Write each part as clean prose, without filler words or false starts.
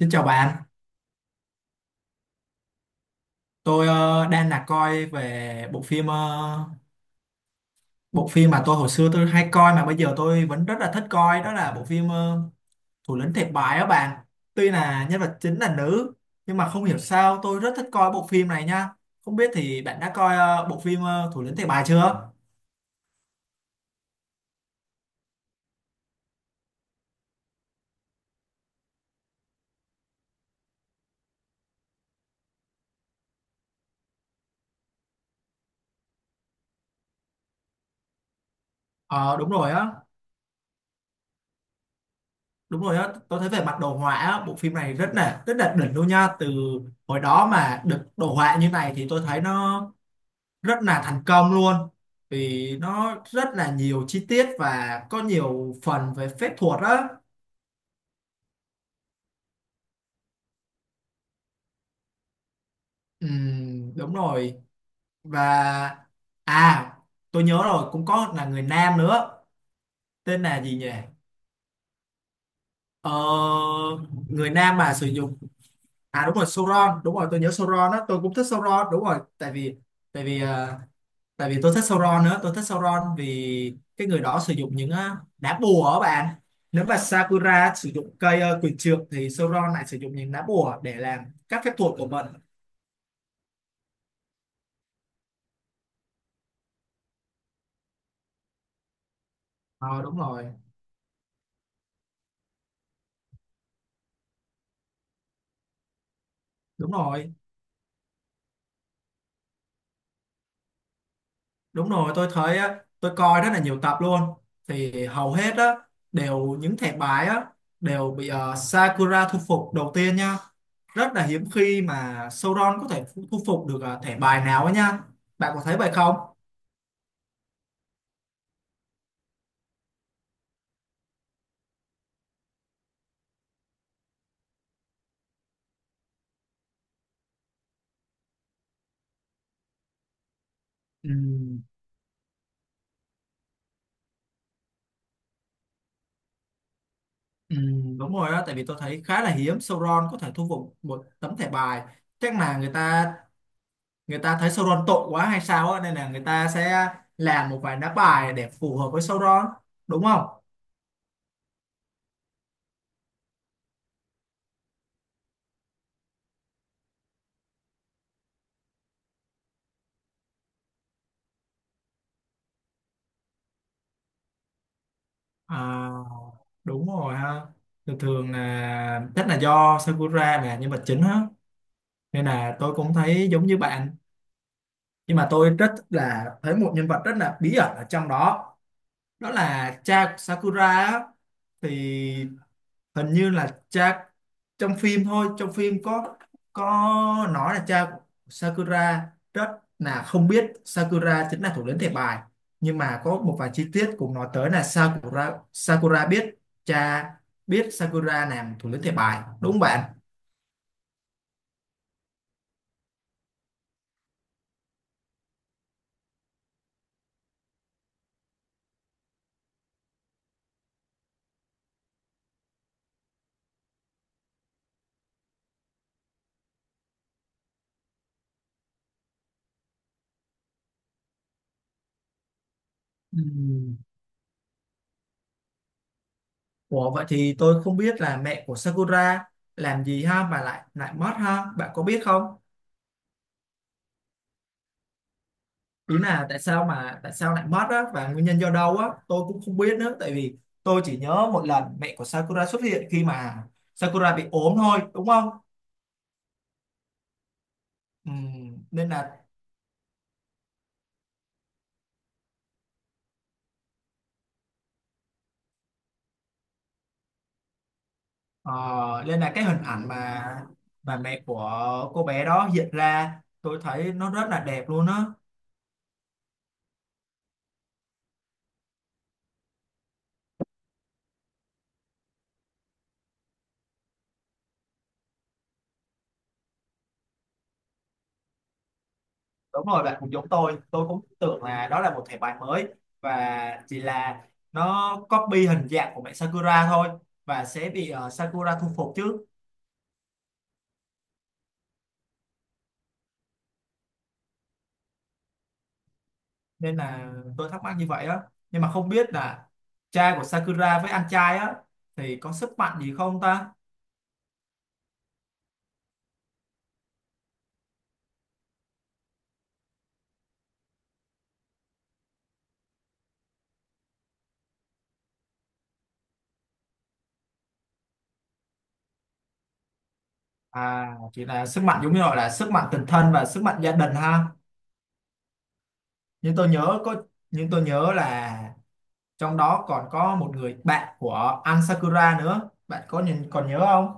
Xin chào bạn, tôi đang là coi về bộ phim bộ phim mà tôi hồi xưa hay coi mà bây giờ tôi vẫn rất là thích coi, đó là bộ phim Thủ lĩnh thiệt bài á bạn. Tuy là nhân vật chính là nữ nhưng mà không hiểu sao tôi rất thích coi bộ phim này nha. Không biết thì bạn đã coi bộ phim Thủ lĩnh thiệt bài chưa? Ờ đúng rồi á, tôi thấy về mặt đồ họa á, bộ phim này rất là đỉnh luôn nha. Từ hồi đó mà được đồ họa như này thì tôi thấy nó rất là thành công luôn vì nó rất là nhiều chi tiết và có nhiều phần về phép thuật á. Đúng rồi. Và à, tôi nhớ rồi, cũng có là người nam nữa, tên là gì nhỉ, ờ, người nam mà sử dụng, à đúng rồi, Sauron, đúng rồi, tôi nhớ Sauron á, tôi cũng thích Sauron, đúng rồi. Tại vì tại vì ờ, tại vì tôi thích Sauron nữa, tôi thích Sauron vì cái người đó sử dụng những đá bùa ở bạn. Nếu mà Sakura sử dụng cây quyền trượng thì Sauron lại sử dụng những đá bùa để làm các phép thuật của mình. Ờ đúng rồi, đúng rồi, đúng rồi, tôi thấy á, tôi coi rất là nhiều tập luôn, thì hầu hết á, đều những thẻ bài á đều bị Sakura thu phục đầu tiên nha. Rất là hiếm khi mà Sauron có thể thu thu phục được thẻ bài nào ấy nha, bạn có thấy vậy không? Ừ. Ừ, đúng rồi đó, tại vì tôi thấy khá là hiếm Sauron có thể thu phục một tấm thẻ bài. Chắc là người ta thấy Sauron tội quá hay sao á, nên là người ta sẽ làm một vài đá bài để phù hợp với Sauron, đúng không? À, đúng rồi ha, thường thường là chắc là do Sakura là nhân vật chính á, nên là tôi cũng thấy giống như bạn. Nhưng mà tôi rất là thấy một nhân vật rất là bí ẩn ở trong đó, đó là cha của Sakura á. Thì hình như là cha, trong phim thôi, trong phim có nói là cha của Sakura rất là không biết Sakura chính là thủ lĩnh thẻ bài. Nhưng mà có một vài chi tiết cũng nói tới là Sakura Sakura biết, cha biết Sakura làm thủ lĩnh thẻ bài, đúng không bạn? Ừm. Ủa vậy thì tôi không biết là mẹ của Sakura làm gì ha mà lại lại mất ha, bạn có biết không? Đúng là tại sao mà tại sao lại mất á, và nguyên nhân do đâu á, tôi cũng không biết nữa. Tại vì tôi chỉ nhớ một lần mẹ của Sakura xuất hiện khi mà Sakura bị ốm thôi đúng không? Nên là ờ, nên là cái hình ảnh mà mẹ của cô bé đó hiện ra, tôi thấy nó rất là đẹp luôn á. Đúng rồi, bạn cũng giống tôi cũng tưởng là đó là một thẻ bài mới và chỉ là nó copy hình dạng của mẹ Sakura thôi, và sẽ bị Sakura thu phục chứ. Nên là tôi thắc mắc như vậy á, nhưng mà không biết là cha của Sakura với anh trai á thì có sức mạnh gì không ta? À, chỉ là sức mạnh giống như gọi là sức mạnh tình thân và sức mạnh gia đình ha. Nhưng tôi nhớ có, nhưng tôi nhớ là trong đó còn có một người bạn của anh Sakura nữa, bạn có nhìn còn nhớ không?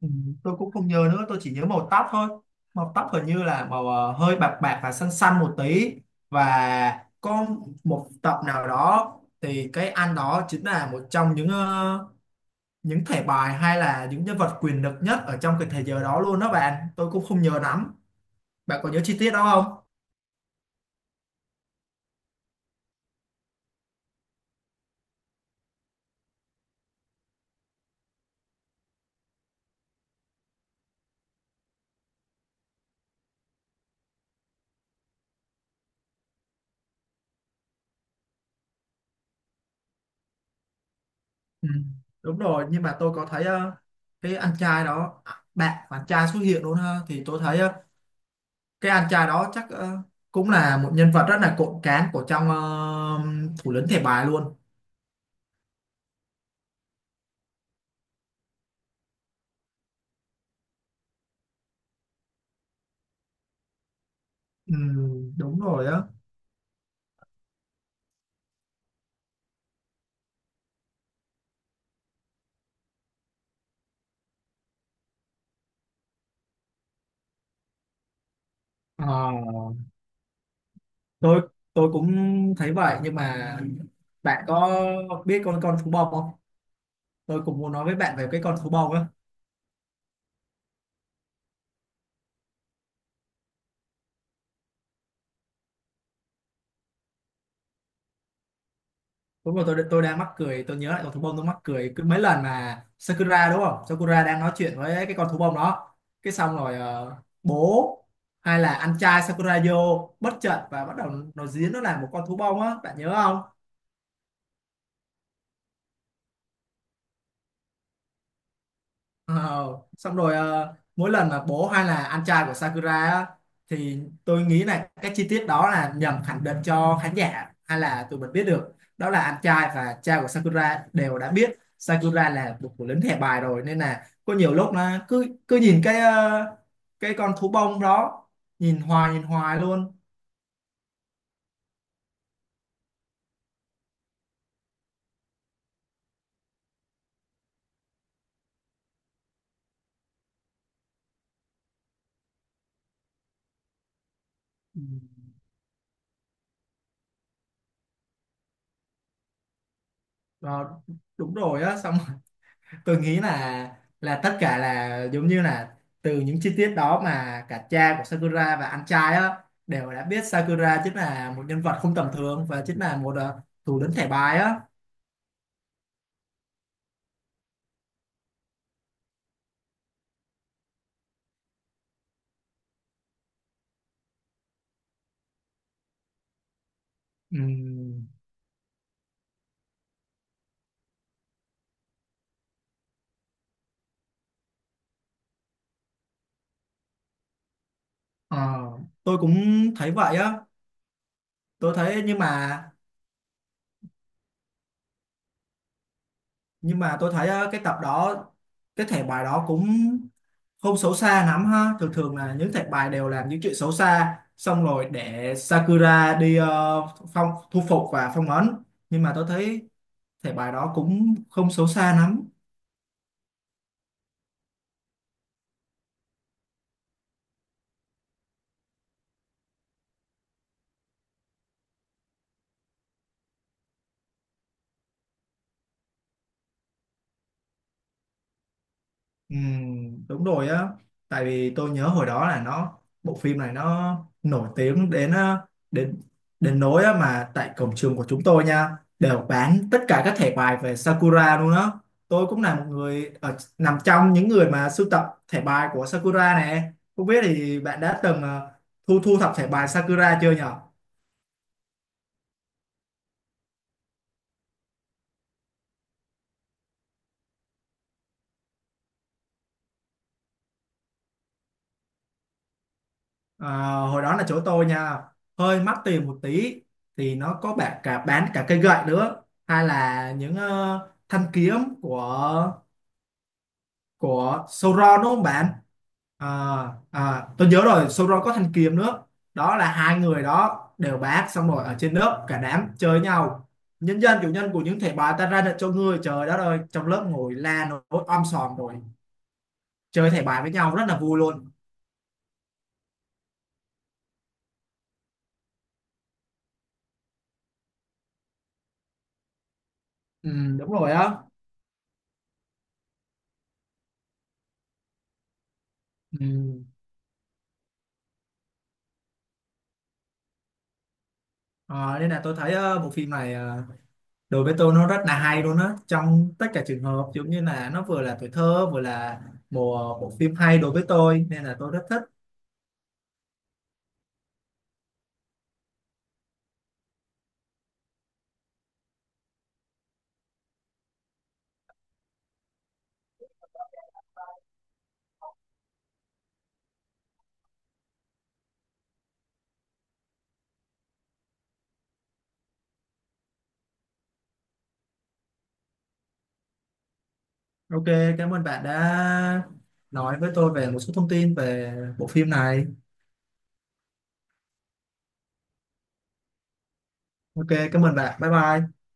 Ừ, tôi cũng không nhớ nữa, tôi chỉ nhớ màu tóc thôi, màu tóc hình như là màu hơi bạc bạc và xanh xanh một tí. Và có một tập nào đó thì cái anh đó chính là một trong những những thẻ bài hay là những nhân vật quyền lực nhất ở trong cái thế giới đó luôn đó bạn, tôi cũng không nhớ lắm, bạn có nhớ chi tiết đó không? Ừ, đúng rồi, nhưng mà tôi có thấy cái anh trai đó à, bạn bạn trai xuất hiện luôn ha, thì tôi thấy cái anh trai đó chắc cũng là một nhân vật rất là cộm cán của trong thủ lĩnh thẻ bài luôn. Ừ, đúng rồi á. Ờ, tôi tôi cũng thấy vậy, nhưng mà bạn có biết con thú bông không? Tôi cũng muốn nói với bạn về cái con thú bông á. Đúng rồi, tôi đang mắc cười, tôi nhớ lại con thú bông tôi mắc cười, cứ mấy lần mà Sakura đúng không? Sakura đang nói chuyện với cái con thú bông đó. Cái xong rồi bố hay là anh trai Sakura vô bất chợt và bắt đầu nó diễn nó là một con thú bông á, bạn nhớ không? Ờ, xong rồi mỗi lần mà bố hay là anh trai của Sakura á, thì tôi nghĩ là cái chi tiết đó là nhằm khẳng định cho khán giả hay là tụi mình biết được đó là anh trai và cha của Sakura đều đã biết Sakura là một của lính thẻ bài rồi. Nên là có nhiều lúc nó cứ cứ nhìn cái cái con thú bông đó, nhìn hoài luôn. Ừ. Ờ, đúng rồi á. Xong tôi nghĩ là tất cả là giống như là từ những chi tiết đó mà cả cha của Sakura và anh trai á đều đã biết Sakura chính là một nhân vật không tầm thường và chính là một thủ lĩnh thẻ bài á. Ừm, ờ, tôi cũng thấy vậy á. Tôi thấy nhưng mà, nhưng mà tôi thấy cái tập đó, cái thẻ bài đó cũng không xấu xa lắm ha. Thường thường là những thẻ bài đều làm những chuyện xấu xa xong rồi để Sakura đi phong thu phục và phong ấn, nhưng mà tôi thấy thể bài đó cũng không xấu xa lắm. Đúng rồi á, tại vì tôi nhớ hồi đó là nó bộ phim này nó nổi tiếng đến đến đến nỗi á mà tại cổng trường của chúng tôi nha đều bán tất cả các thẻ bài về Sakura luôn đó. Tôi cũng là một người ở, nằm trong những người mà sưu tập thẻ bài của Sakura này. Không biết thì bạn đã từng thu thu thập thẻ bài Sakura chưa nhỉ? À, hồi đó là chỗ tôi nha, hơi mắc tiền một tí, thì nó có bạn cả bán cả cây gậy nữa hay là những thanh kiếm của của Sauron đúng không bạn? À, à, tôi nhớ rồi, Sauron có thanh kiếm nữa, đó là hai người đó đều bán. Xong rồi ở trên lớp cả đám chơi nhau, nhân dân chủ nhân của những thẻ bài ta ra lệnh cho ngươi, trời đất ơi, trong lớp ngồi la nổi om sòm rồi chơi thẻ bài với nhau rất là vui luôn. Ừ, đúng rồi á. Ừ. Ờ, nên là tôi thấy bộ phim này đối với tôi nó rất là hay luôn á, trong tất cả trường hợp giống như là nó vừa là tuổi thơ vừa là một bộ phim hay đối với tôi, nên là tôi rất thích. Ok, cảm ơn bạn đã nói với tôi về một số thông tin về bộ phim này. Ok, cảm ơn bạn, bye bye.